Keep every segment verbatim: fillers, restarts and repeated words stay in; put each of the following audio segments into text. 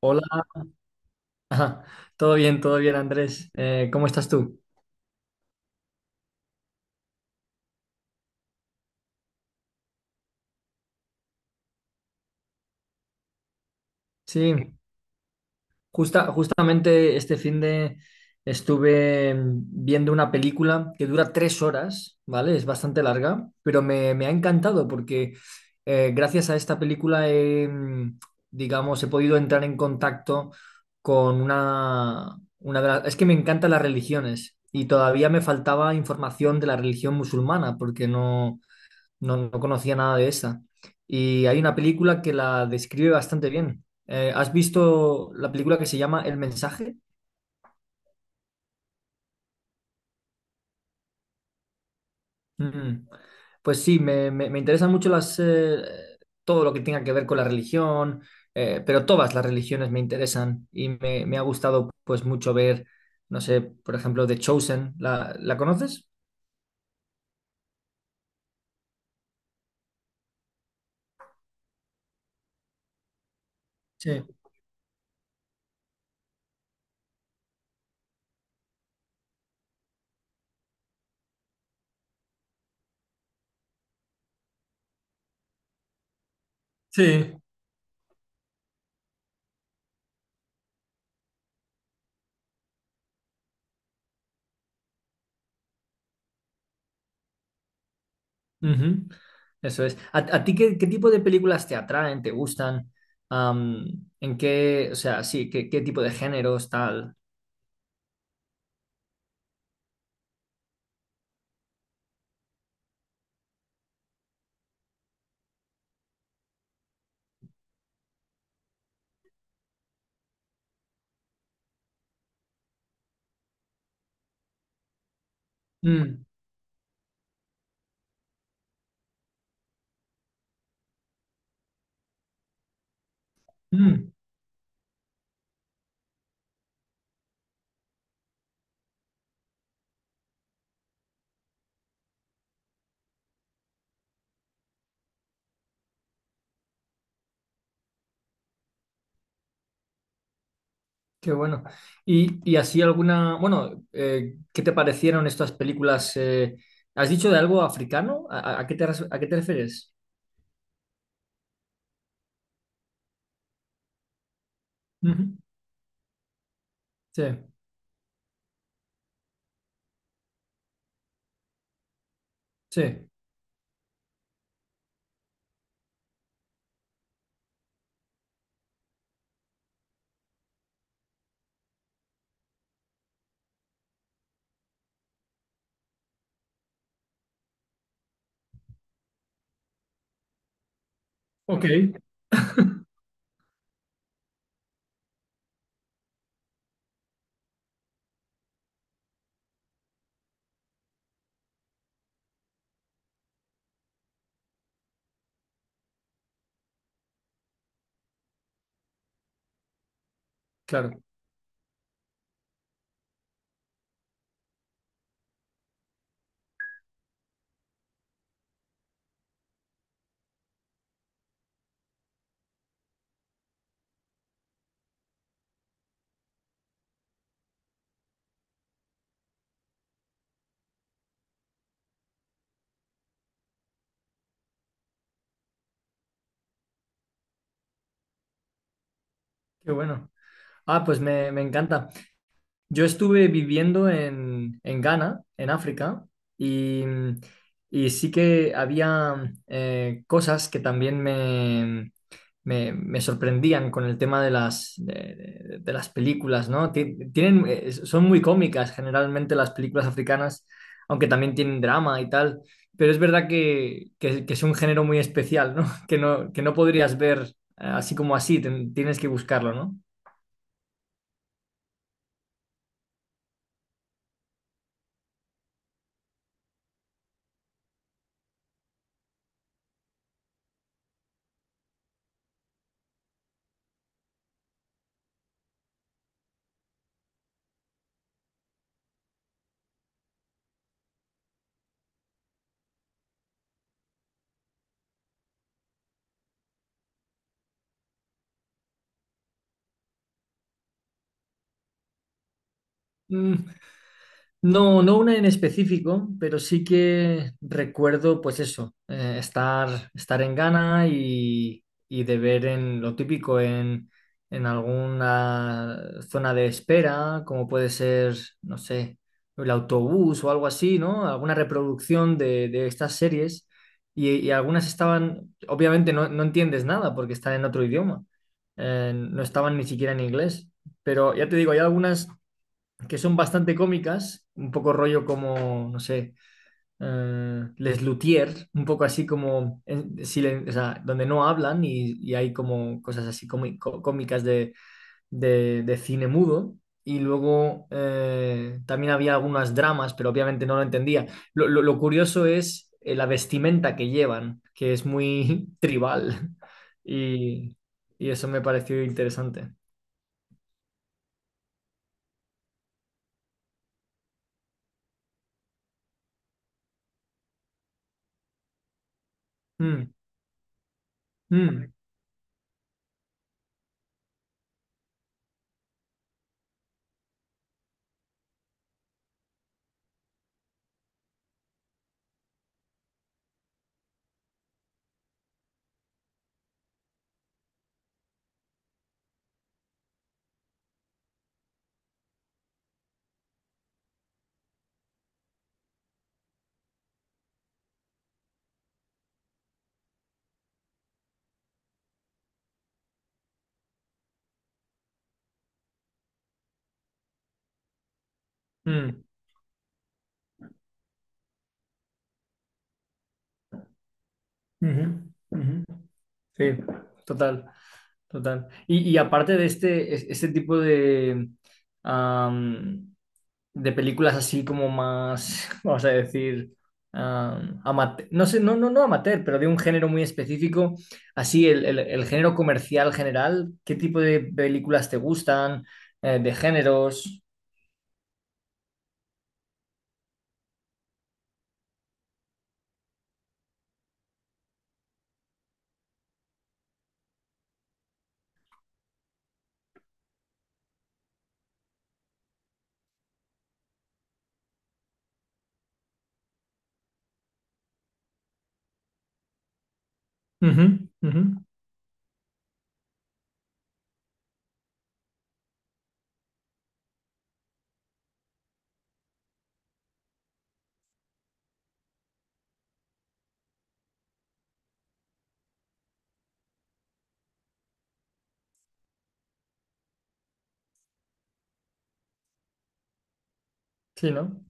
Hola, todo bien, todo bien, Andrés. Eh, ¿cómo estás tú? Sí, justa, justamente este fin de estuve mm, viendo una película que dura tres horas, ¿vale? Es bastante larga, pero me, me ha encantado porque eh, gracias a esta película he, mm, digamos, he podido entrar en contacto con una, una de las... Es que me encantan las religiones y todavía me faltaba información de la religión musulmana porque no... No, no conocía nada de esa. Y hay una película que la describe bastante bien. Eh, ¿has visto la película que se llama El mensaje? Mm. Pues sí, me, me, me interesan mucho las, eh, todo lo que tenga que ver con la religión, eh, pero todas las religiones me interesan y me, me ha gustado pues mucho ver, no sé, por ejemplo, The Chosen. ¿La, la conoces? Sí. Sí, ujú. Eso es. ¿A, a ti qué, qué tipo de películas te atraen, te gustan? Am, ¿en qué, o sea, sí, qué, qué tipo de géneros, tal? Mm, mm, qué bueno. Y, y así alguna, bueno, eh, ¿qué te parecieron estas películas? eh, ¿has dicho de algo africano? ¿A, a- a qué te, res- a qué te refieres? Ujú. Sí, sí. Ok, claro, qué bueno. Ah, pues me, me encanta. Yo estuve viviendo en, en Ghana, en África, y, y sí que había eh, cosas que también me, me, me sorprendían con el tema de las, de, de- de las películas, ¿no? Ti- Tienen, eh, son muy cómicas generalmente las películas africanas, aunque también tienen drama y tal, pero es verdad que, que- que es un género muy especial, ¿no? Que no, que no podrías ver eh, así como así, ten- tienes que buscarlo, ¿no? Mm, no, no una en específico, pero sí que recuerdo, pues eso, eh, estar, estar en Ghana y, y de ver en lo típico en, en alguna zona de espera, como puede ser, no sé, el autobús o algo así, ¿no? Alguna reproducción de, de estas series y, y algunas estaban, obviamente no, no entiendes nada porque están en otro idioma, eh, no estaban ni siquiera en inglés, pero ya te digo, hay algunas que son bastante cómicas, un poco rollo como, no sé, eh, Les Luthiers, un poco así como, en silen- o sea, donde no hablan y, y hay como cosas así cómi- có- cómicas de, de- de cine mudo. Y luego eh, también había algunas dramas, pero obviamente no lo entendía. Lo, lo- lo curioso es eh, la vestimenta que llevan, que es muy tribal. Y, y eso me pareció interesante. Mm, mm, mm. Ujú, ujú. Sí, total, total. Y, y aparte de este, es- este tipo de, am, de películas así como más, vamos a decir, am, amate- no sé, no, no, no amateur, pero de un género muy específico, así el, el- el género comercial general, ¿qué tipo de películas te gustan? Eh, de géneros. Ujú, ujú. Sí, ¿no?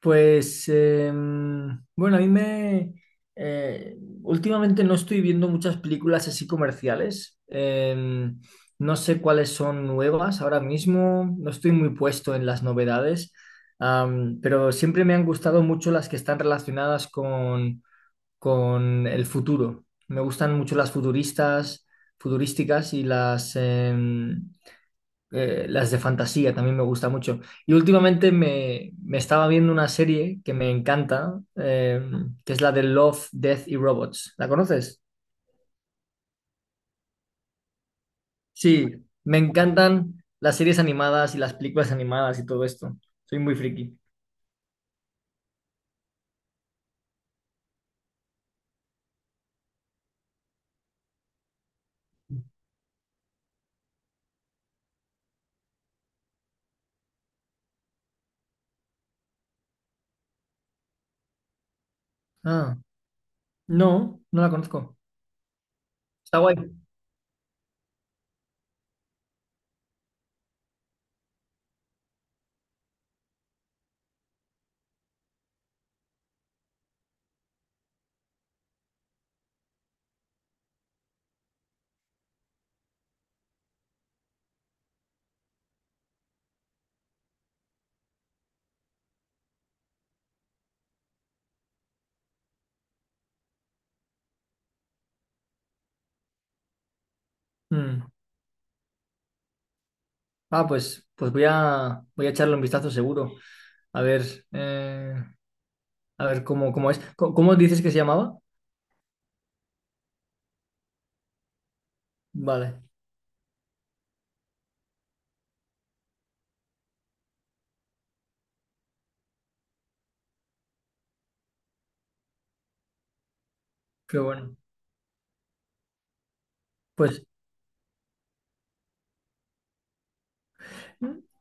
Pues em, bueno, a mí me... eh, últimamente no estoy viendo muchas películas así comerciales. Em, no sé cuáles son nuevas ahora mismo. No estoy muy puesto en las novedades. Am, pero siempre me han gustado mucho las que están relacionadas con, con el futuro. Me gustan mucho las futuristas, futurísticas y las, eh, eh, las de fantasía también me gusta mucho. Y últimamente me, me estaba viendo una serie que me encanta, eh, que es la de Love, Death y Robots. ¿La conoces? Sí, me encantan las series animadas y las películas animadas y todo esto. Soy muy friki. Ah, no, no la conozco. Está guay. Mm. Ah, pues, pues voy a, voy a echarle un vistazo seguro. A ver, eh, a ver cómo, cómo es. Co- ¿Cómo, dices que se llamaba? Vale, qué bueno. Pues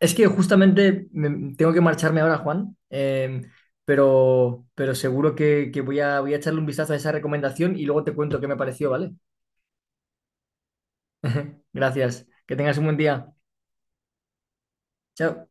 es que justamente me- tengo que marcharme ahora, Juan, eh, pero, pero seguro que, que voy a, voy a echarle un vistazo a esa recomendación y luego te cuento qué me pareció, ¿vale? Gracias. Que tengas un buen día. Chao.